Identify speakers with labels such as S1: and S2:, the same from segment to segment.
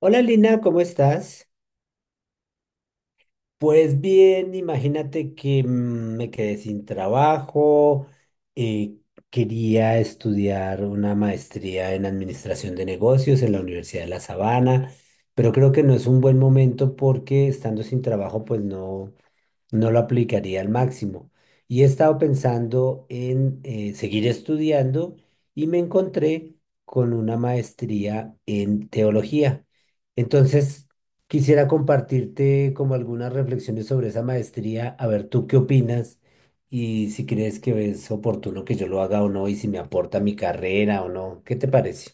S1: Hola Lina, ¿cómo estás? Pues bien, imagínate que me quedé sin trabajo, eh, quería estudiar una maestría en administración de negocios en la Universidad de La Sabana, pero creo que no es un buen momento porque estando sin trabajo pues no, no lo aplicaría al máximo. Y he estado pensando en seguir estudiando y me encontré con una maestría en teología. Entonces, quisiera compartirte como algunas reflexiones sobre esa maestría, a ver tú qué opinas y si crees que es oportuno que yo lo haga o no y si me aporta mi carrera o no. ¿Qué te parece?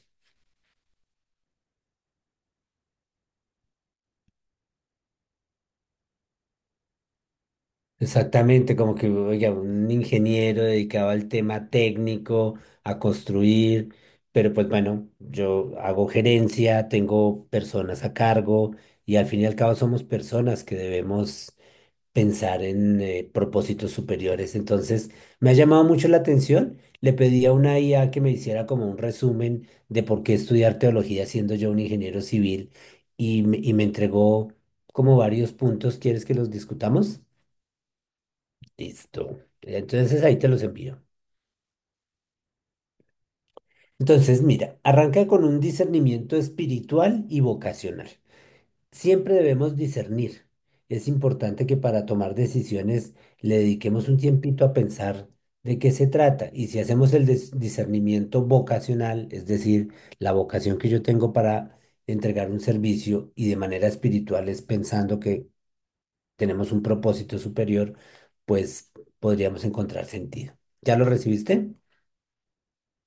S1: Exactamente, como que oiga, un ingeniero dedicado al tema técnico, a construir, pero pues bueno, yo hago gerencia, tengo personas a cargo y al fin y al cabo somos personas que debemos pensar en propósitos superiores. Entonces, me ha llamado mucho la atención. Le pedí a una IA que me hiciera como un resumen de por qué estudiar teología siendo yo un ingeniero civil y, y me entregó como varios puntos. ¿Quieres que los discutamos? Listo. Entonces ahí te los envío. Entonces, mira, arranca con un discernimiento espiritual y vocacional. Siempre debemos discernir. Es importante que para tomar decisiones le dediquemos un tiempito a pensar de qué se trata. Y si hacemos el discernimiento vocacional, es decir, la vocación que yo tengo para entregar un servicio y de manera espiritual es pensando que tenemos un propósito superior, pues podríamos encontrar sentido. ¿Ya lo recibiste?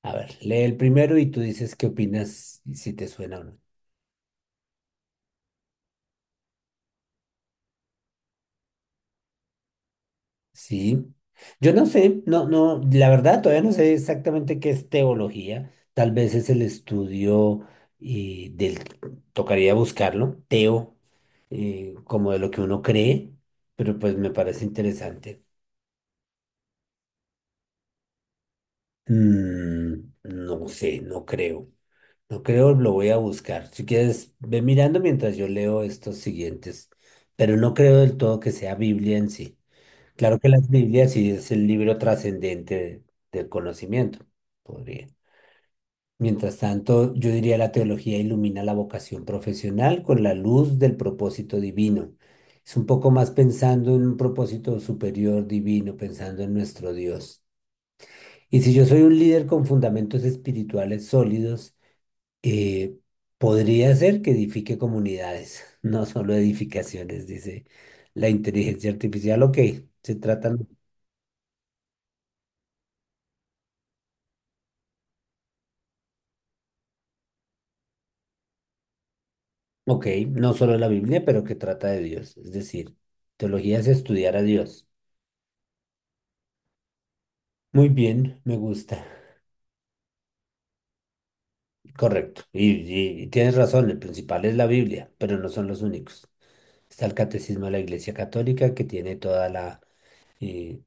S1: A ver, lee el primero y tú dices qué opinas y si te suena o no. Sí. Yo no sé, no, no, la verdad todavía no sé exactamente qué es teología. Tal vez es el estudio y del, tocaría buscarlo, teo, como de lo que uno cree, pero pues me parece interesante. Mm, no sé, no creo. No creo, lo voy a buscar. Si quieres, ve mirando mientras yo leo estos siguientes, pero no creo del todo que sea Biblia en sí. Claro que las Biblias sí es el libro trascendente del conocimiento, podría. Mientras tanto, yo diría la teología ilumina la vocación profesional con la luz del propósito divino. Es un poco más pensando en un propósito superior divino, pensando en nuestro Dios. Y si yo soy un líder con fundamentos espirituales sólidos, eh, podría ser que edifique comunidades, no solo edificaciones, dice la inteligencia artificial. Ok, se trata. Ok, no solo la Biblia, pero que trata de Dios. Es decir, teología es estudiar a Dios. Muy bien, me gusta. Correcto. Y, y tienes razón, el principal es la Biblia, pero no son los únicos. Está el Catecismo de la Iglesia Católica, que tiene toda la, eh,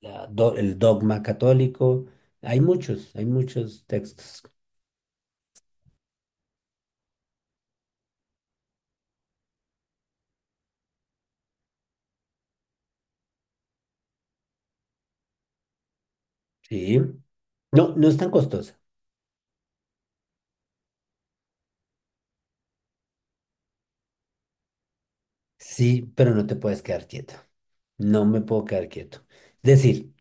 S1: la el dogma católico. Hay muchos textos. Sí. No, no es tan costosa. Sí, pero no te puedes quedar quieto. No me puedo quedar quieto. Es decir,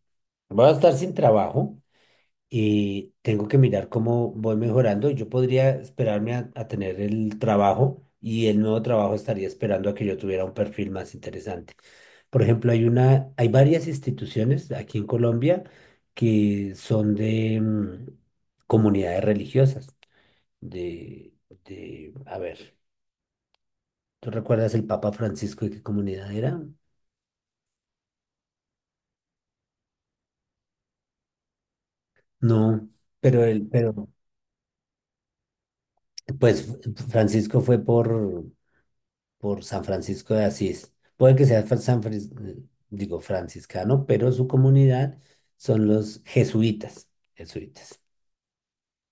S1: voy a estar sin trabajo y tengo que mirar cómo voy mejorando. Yo podría esperarme a tener el trabajo y el nuevo trabajo estaría esperando a que yo tuviera un perfil más interesante. Por ejemplo, hay varias instituciones aquí en Colombia que son de comunidades religiosas, de, de, a ver, ¿tú recuerdas el Papa Francisco de qué comunidad era? No, pero pues Francisco fue por San Francisco de Asís. Puede que sea franciscano, pero su comunidad son los jesuitas, jesuitas.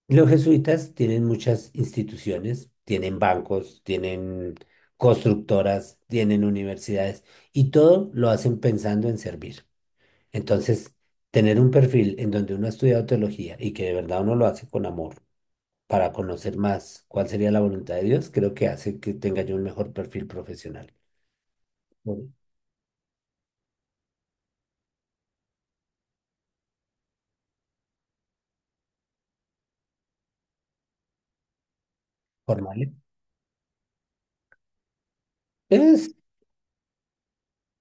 S1: Los jesuitas tienen muchas instituciones, tienen bancos, tienen constructoras, tienen universidades y todo lo hacen pensando en servir. Entonces, tener un perfil en donde uno ha estudiado teología y que de verdad uno lo hace con amor para conocer más cuál sería la voluntad de Dios, creo que hace que tenga yo un mejor perfil profesional. Formales. Es,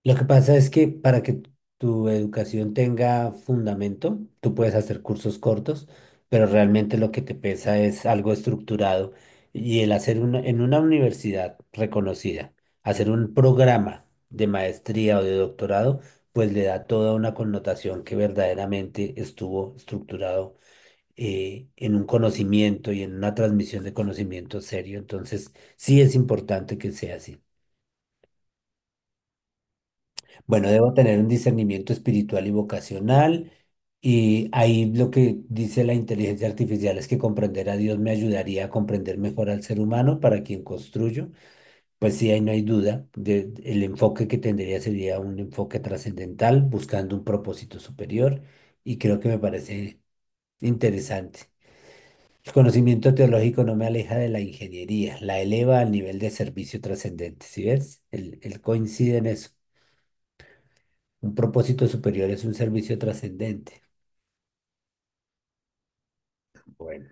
S1: lo que pasa es que para que tu educación tenga fundamento, tú puedes hacer cursos cortos, pero realmente lo que te pesa es algo estructurado. Y el hacer una, en una universidad reconocida, hacer un programa de maestría o de doctorado, pues le da toda una connotación que verdaderamente estuvo estructurado en un conocimiento y en una transmisión de conocimiento serio. Entonces, sí es importante que sea así. Bueno, debo tener un discernimiento espiritual y vocacional. Y ahí lo que dice la inteligencia artificial es que comprender a Dios me ayudaría a comprender mejor al ser humano para quien construyo. Pues sí, ahí no hay duda. El enfoque que tendría sería un enfoque trascendental, buscando un propósito superior. Y creo que me parece interesante. El conocimiento teológico no me aleja de la ingeniería, la eleva al nivel de servicio trascendente. ¿Sí ves? Él coincide en eso. Un propósito superior es un servicio trascendente. Bueno.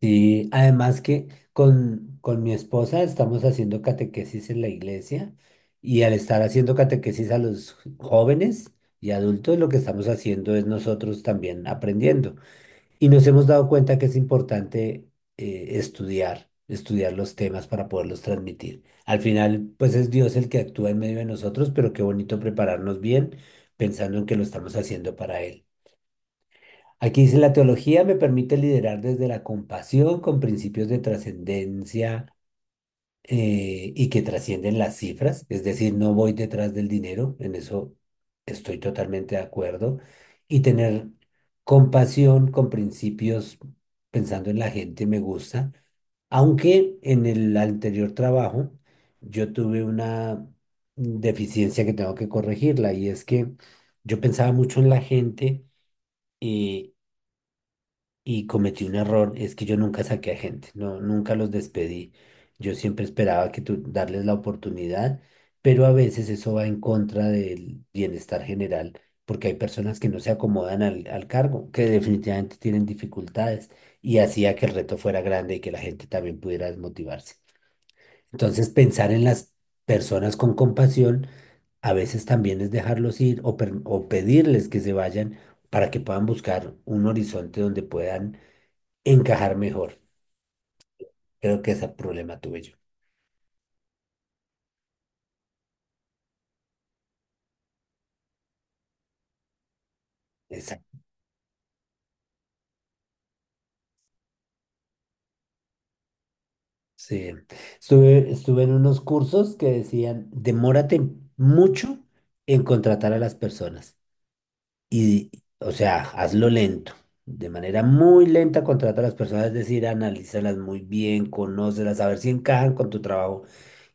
S1: Sí, además que con mi esposa estamos haciendo catequesis en la iglesia y al estar haciendo catequesis a los jóvenes y adultos, lo que estamos haciendo es nosotros también aprendiendo. Y nos hemos dado cuenta que es importante estudiar los temas para poderlos transmitir. Al final, pues es Dios el que actúa en medio de nosotros, pero qué bonito prepararnos bien pensando en que lo estamos haciendo para Él. Aquí dice, la teología me permite liderar desde la compasión con principios de trascendencia y que trascienden las cifras, es decir, no voy detrás del dinero, en eso estoy totalmente de acuerdo, y tener compasión con principios pensando en la gente me gusta, aunque en el anterior trabajo yo tuve una deficiencia que tengo que corregirla y es que yo pensaba mucho en la gente. Eh, y cometí un error, es que yo nunca saqué a gente, no, nunca los despedí. Yo siempre esperaba que tú darles la oportunidad, pero a veces eso va en contra del bienestar general, porque hay personas que no se acomodan al cargo, que definitivamente tienen dificultades, y hacía que el reto fuera grande y que la gente también pudiera desmotivarse. Entonces, pensar en las personas con compasión a veces también es dejarlos ir o, o pedirles que se vayan para que puedan buscar un horizonte donde puedan encajar mejor. Creo que ese problema tuve yo. Exacto. Sí. Estuve en unos cursos que decían, demórate mucho en contratar a las personas. Y, o sea, hazlo lento. De manera muy lenta contrata a las personas, es decir, analízalas muy bien, conócelas, a ver si encajan con tu trabajo.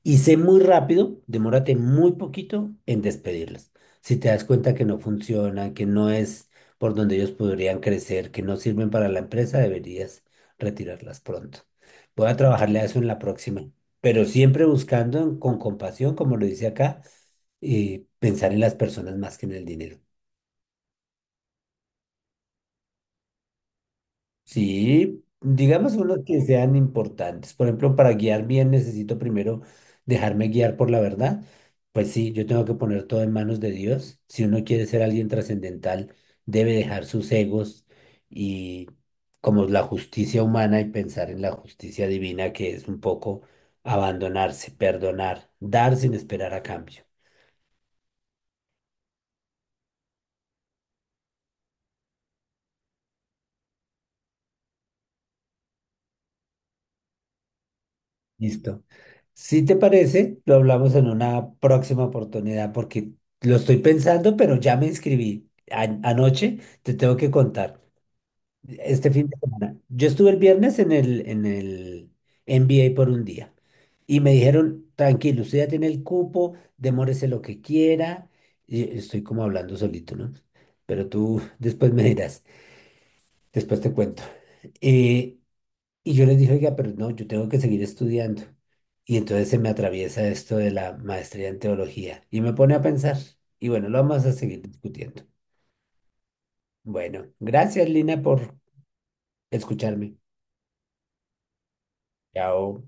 S1: Y sé muy rápido, demórate muy poquito en despedirlas. Si te das cuenta que no funcionan, que no es por donde ellos podrían crecer, que no sirven para la empresa, deberías retirarlas pronto. Voy a trabajarle a eso en la próxima, pero siempre buscando con compasión, como lo dice acá, y pensar en las personas más que en el dinero. Sí, digamos unos que sean importantes. Por ejemplo, para guiar bien necesito primero dejarme guiar por la verdad. Pues sí, yo tengo que poner todo en manos de Dios. Si uno quiere ser alguien trascendental, debe dejar sus egos y como la justicia humana y pensar en la justicia divina, que es un poco abandonarse, perdonar, dar sin esperar a cambio. Listo. Si te parece, lo hablamos en una próxima oportunidad porque lo estoy pensando, pero ya me inscribí. Anoche te tengo que contar. Este fin de semana. Yo estuve el viernes en el NBA por un día y me dijeron, tranquilo, usted ya tiene el cupo, demórese lo que quiera. Y estoy como hablando solito, ¿no? Pero tú después me dirás, después te cuento. Eh, y yo les dije, oiga, pero no, yo tengo que seguir estudiando. Y entonces se me atraviesa esto de la maestría en teología y me pone a pensar. Y bueno, lo vamos a seguir discutiendo. Bueno, gracias Lina por escucharme. Chao.